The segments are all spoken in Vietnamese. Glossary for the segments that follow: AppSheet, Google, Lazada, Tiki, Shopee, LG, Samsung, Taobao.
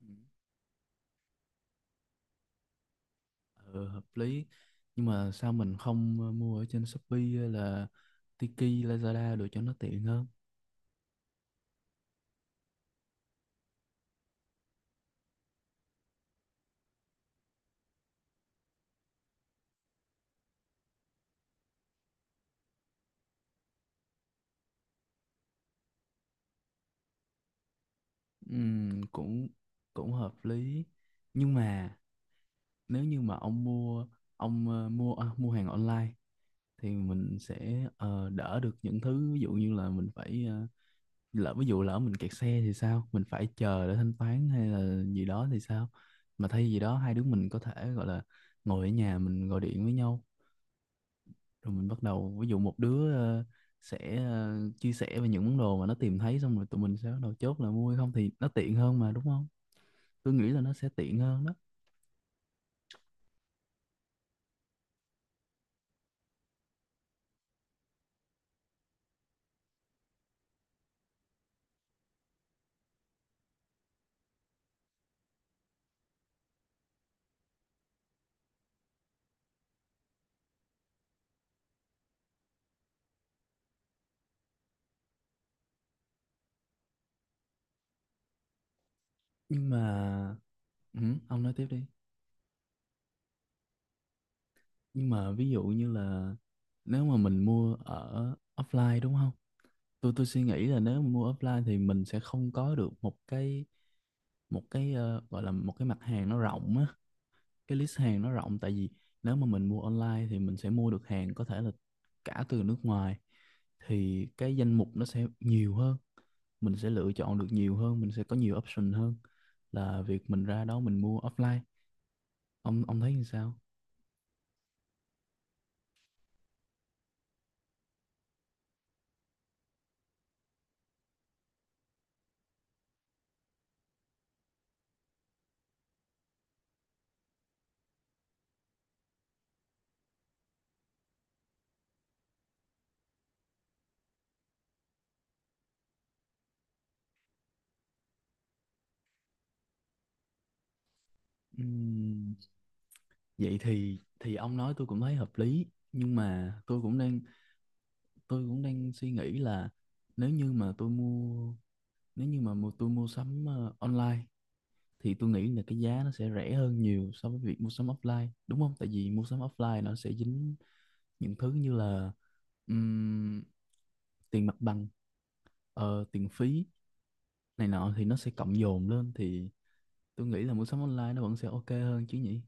Ừ. Ừ, hợp lý nhưng mà sao mình không mua ở trên Shopee hay là Tiki Lazada được cho nó tiện hơn. Cũng cũng hợp lý nhưng mà nếu như mà ông ờ, mua à, mua hàng online thì mình sẽ đỡ được những thứ, ví dụ như là mình phải ví dụ lỡ mình kẹt xe thì sao, mình phải chờ để thanh toán hay là gì đó thì sao. Mà thay vì đó, hai đứa mình có thể gọi là ngồi ở nhà mình gọi điện với nhau, rồi mình bắt đầu ví dụ một đứa sẽ chia sẻ về những món đồ mà nó tìm thấy, xong rồi tụi mình sẽ bắt đầu chốt là mua hay không thì nó tiện hơn mà, đúng không? Tôi nghĩ là nó sẽ tiện hơn đó. Nhưng mà ừ, ông nói tiếp đi. Nhưng mà ví dụ như là, nếu mà mình mua ở offline đúng không, tôi suy nghĩ là nếu mà mua offline thì mình sẽ không có được một cái, gọi là một cái mặt hàng nó rộng á, cái list hàng nó rộng. Tại vì nếu mà mình mua online thì mình sẽ mua được hàng có thể là cả từ nước ngoài, thì cái danh mục nó sẽ nhiều hơn, mình sẽ lựa chọn được nhiều hơn, mình sẽ có nhiều option hơn là việc mình ra đó mình mua offline. Ông thấy như sao? Ừm, Vậy thì ông nói tôi cũng thấy hợp lý. Nhưng mà tôi cũng đang suy nghĩ là, nếu như mà tôi mua nếu như mà mua, tôi mua sắm online thì tôi nghĩ là cái giá nó sẽ rẻ hơn nhiều so với việc mua sắm offline, đúng không? Tại vì mua sắm offline nó sẽ dính những thứ như là ừm, tiền mặt bằng, tiền phí này nọ, thì nó sẽ cộng dồn lên, thì tôi nghĩ là mua sắm online nó vẫn sẽ ok hơn chứ nhỉ?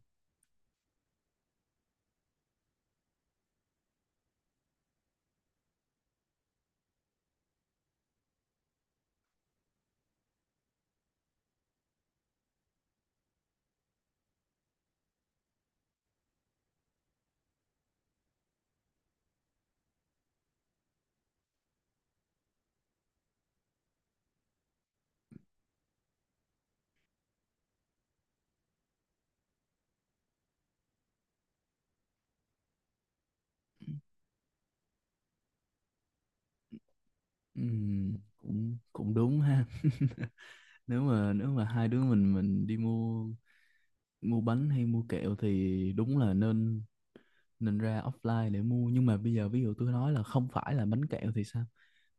Cũng cũng đúng ha. Nếu mà hai đứa mình đi mua mua bánh hay mua kẹo thì đúng là nên nên ra offline để mua. Nhưng mà bây giờ ví dụ tôi nói là không phải là bánh kẹo thì sao?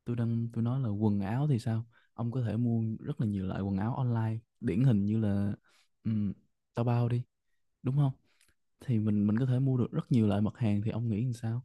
Tôi nói là quần áo thì sao? Ông có thể mua rất là nhiều loại quần áo online, điển hình như là um, Taobao đi, đúng không? Thì mình có thể mua được rất nhiều loại mặt hàng, thì ông nghĩ làm sao?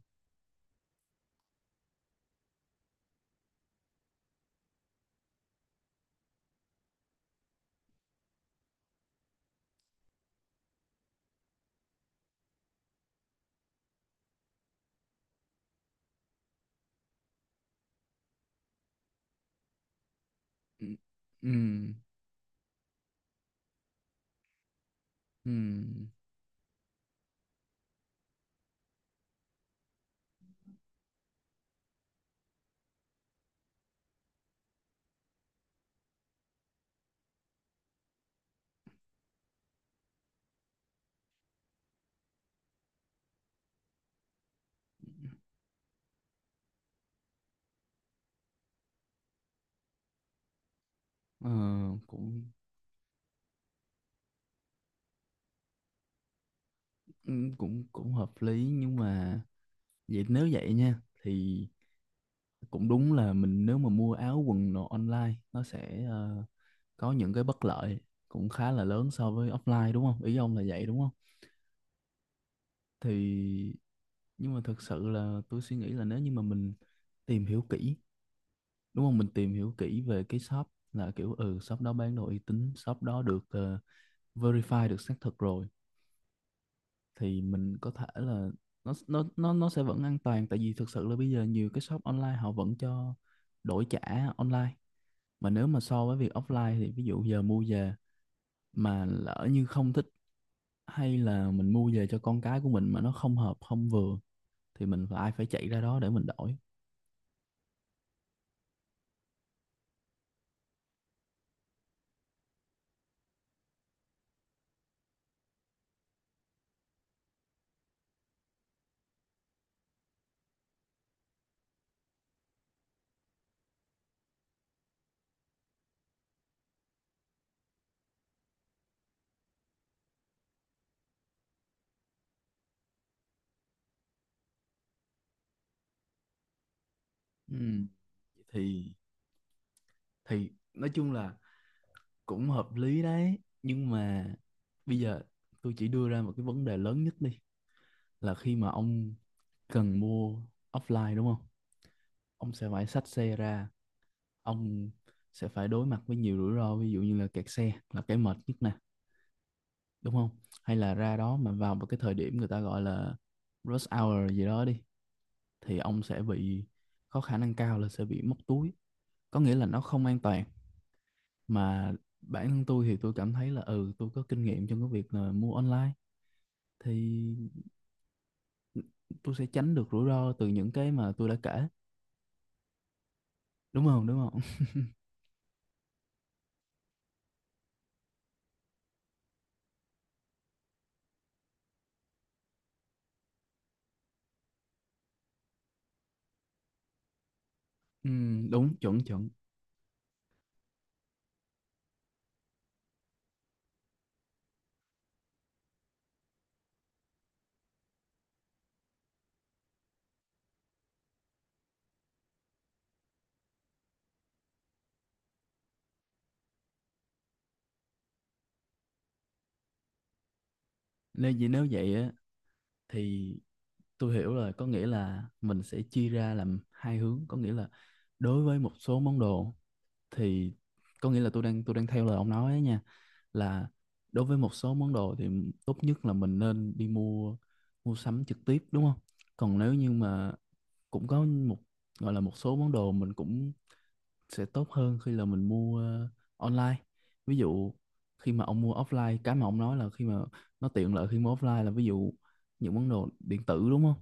Ừ, ừ, ừ. Ờ, cũng ừ, cũng cũng hợp lý nhưng mà nếu vậy nha, thì cũng đúng là mình, nếu mà mua áo quần đồ online nó sẽ có những cái bất lợi cũng khá là lớn so với offline đúng không, ý ông là vậy đúng không? Thì, nhưng mà thật sự là tôi suy nghĩ là nếu như mà mình tìm hiểu kỹ, đúng không, mình tìm hiểu kỹ về cái shop, là kiểu, shop đó bán đồ uy tín, shop đó được verify, được xác thực rồi, thì mình có thể là nó sẽ vẫn an toàn. Tại vì thực sự là bây giờ nhiều cái shop online họ vẫn cho đổi trả online. Mà nếu mà so với việc offline thì ví dụ giờ mua về mà lỡ như không thích, hay là mình mua về cho con cái của mình mà nó không hợp, không vừa, thì mình phải phải chạy ra đó để mình đổi. Ừ, thì nói chung là cũng hợp lý đấy, nhưng mà bây giờ tôi chỉ đưa ra một cái vấn đề lớn nhất đi, là khi mà ông cần mua offline đúng không, ông sẽ phải xách xe ra, ông sẽ phải đối mặt với nhiều rủi ro, ví dụ như là kẹt xe là cái mệt nhất nè, đúng không? Hay là ra đó mà vào một cái thời điểm người ta gọi là rush hour gì đó đi, thì ông sẽ bị, có khả năng cao là sẽ bị móc túi, có nghĩa là nó không an toàn. Mà bản thân tôi thì tôi cảm thấy là tôi có kinh nghiệm trong cái việc là mua online, thì tôi sẽ tránh được rủi ro từ những cái mà tôi đã kể, đúng không? Ừ, đúng, chuẩn chuẩn. Nên vì nếu vậy á thì tôi hiểu rồi, có nghĩa là mình sẽ chia ra làm hai hướng, có nghĩa là đối với một số món đồ thì, có nghĩa là tôi đang theo lời ông nói á nha, là đối với một số món đồ thì tốt nhất là mình nên đi mua mua sắm trực tiếp đúng không. Còn nếu như mà cũng có một, gọi là, một số món đồ mình cũng sẽ tốt hơn khi là mình mua online, ví dụ khi mà ông mua offline, cái mà ông nói là khi mà nó tiện lợi khi mua offline là ví dụ những món đồ điện tử đúng không,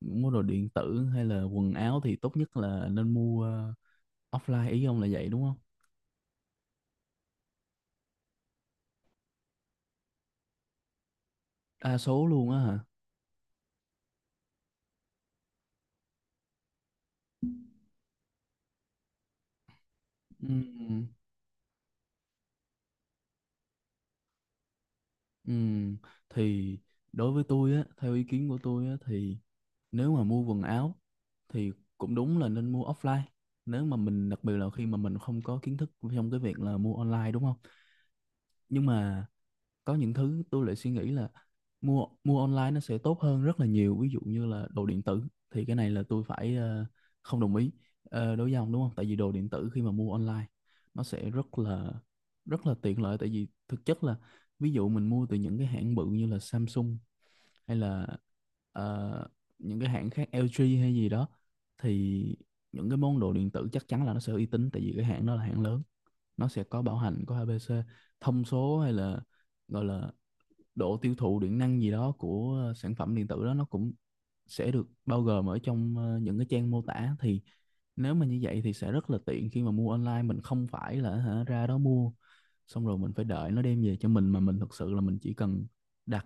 những món đồ điện tử hay là quần áo thì tốt nhất là nên mua offline, ý ông là vậy đúng không? Đa số luôn á hả? Ừ. Ừm, thì đối với tôi á, theo ý kiến của tôi á, thì nếu mà mua quần áo thì cũng đúng là nên mua offline. Nếu mà mình, đặc biệt là khi mà mình không có kiến thức trong cái việc là mua online, đúng không? Nhưng mà có những thứ tôi lại suy nghĩ là mua mua online nó sẽ tốt hơn rất là nhiều, ví dụ như là đồ điện tử, thì cái này là tôi phải không đồng ý đối với ông đúng không. Tại vì đồ điện tử khi mà mua online nó sẽ rất là tiện lợi, tại vì thực chất là ví dụ mình mua từ những cái hãng bự như là Samsung, hay là ờ, những cái hãng khác, LG hay gì đó, thì những cái món đồ điện tử chắc chắn là nó sẽ uy tín, tại vì cái hãng đó là hãng lớn, nó sẽ có bảo hành, có ABC thông số, hay là gọi là độ tiêu thụ điện năng gì đó của sản phẩm điện tử đó, nó cũng sẽ được bao gồm ở trong những cái trang mô tả. Thì nếu mà như vậy thì sẽ rất là tiện khi mà mua online, mình không phải là, hả, ra đó mua xong rồi mình phải đợi nó đem về cho mình, mà mình thực sự là mình chỉ cần đặt,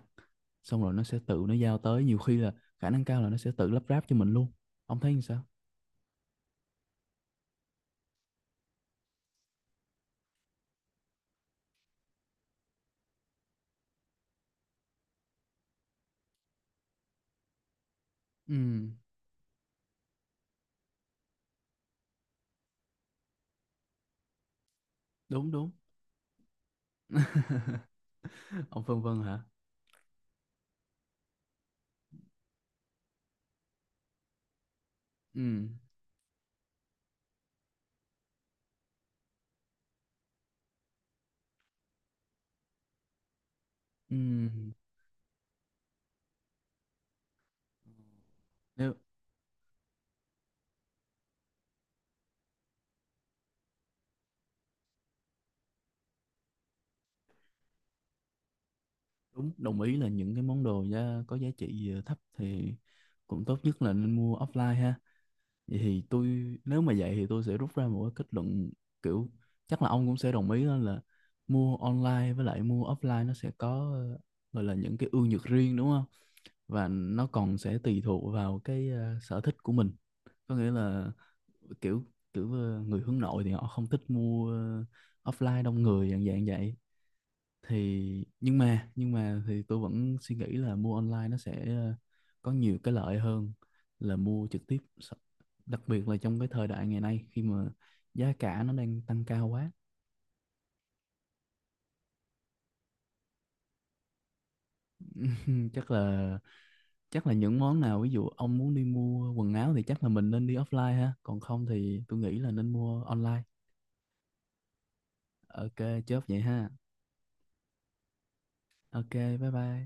xong rồi nó sẽ tự nó giao tới, nhiều khi là khả năng cao là nó sẽ tự lắp ráp cho mình luôn. Ông thấy như sao? Ừ, đúng đúng. Ông phân vân hả? Ừ, ừ, nếu đúng, đồng ý là những cái món đồ có giá trị thấp thì cũng tốt nhất là nên mua offline ha. Vậy thì tôi, nếu mà vậy thì tôi sẽ rút ra một cái kết luận, kiểu, chắc là ông cũng sẽ đồng ý, đó là mua online với lại mua offline nó sẽ có gọi là những cái ưu nhược riêng, đúng không? Và nó còn sẽ tùy thuộc vào cái sở thích của mình, có nghĩa là, kiểu, người hướng nội thì họ không thích mua offline đông người dạng dạng vậy. Thì, nhưng mà thì tôi vẫn suy nghĩ là mua online nó sẽ có nhiều cái lợi hơn là mua trực tiếp. Đặc biệt là trong cái thời đại ngày nay khi mà giá cả nó đang tăng cao quá. Chắc là những món nào, ví dụ ông muốn đi mua quần áo thì chắc là mình nên đi offline ha, còn không thì tôi nghĩ là nên mua online. Ok, chốt vậy ha. Ok. Bye bye.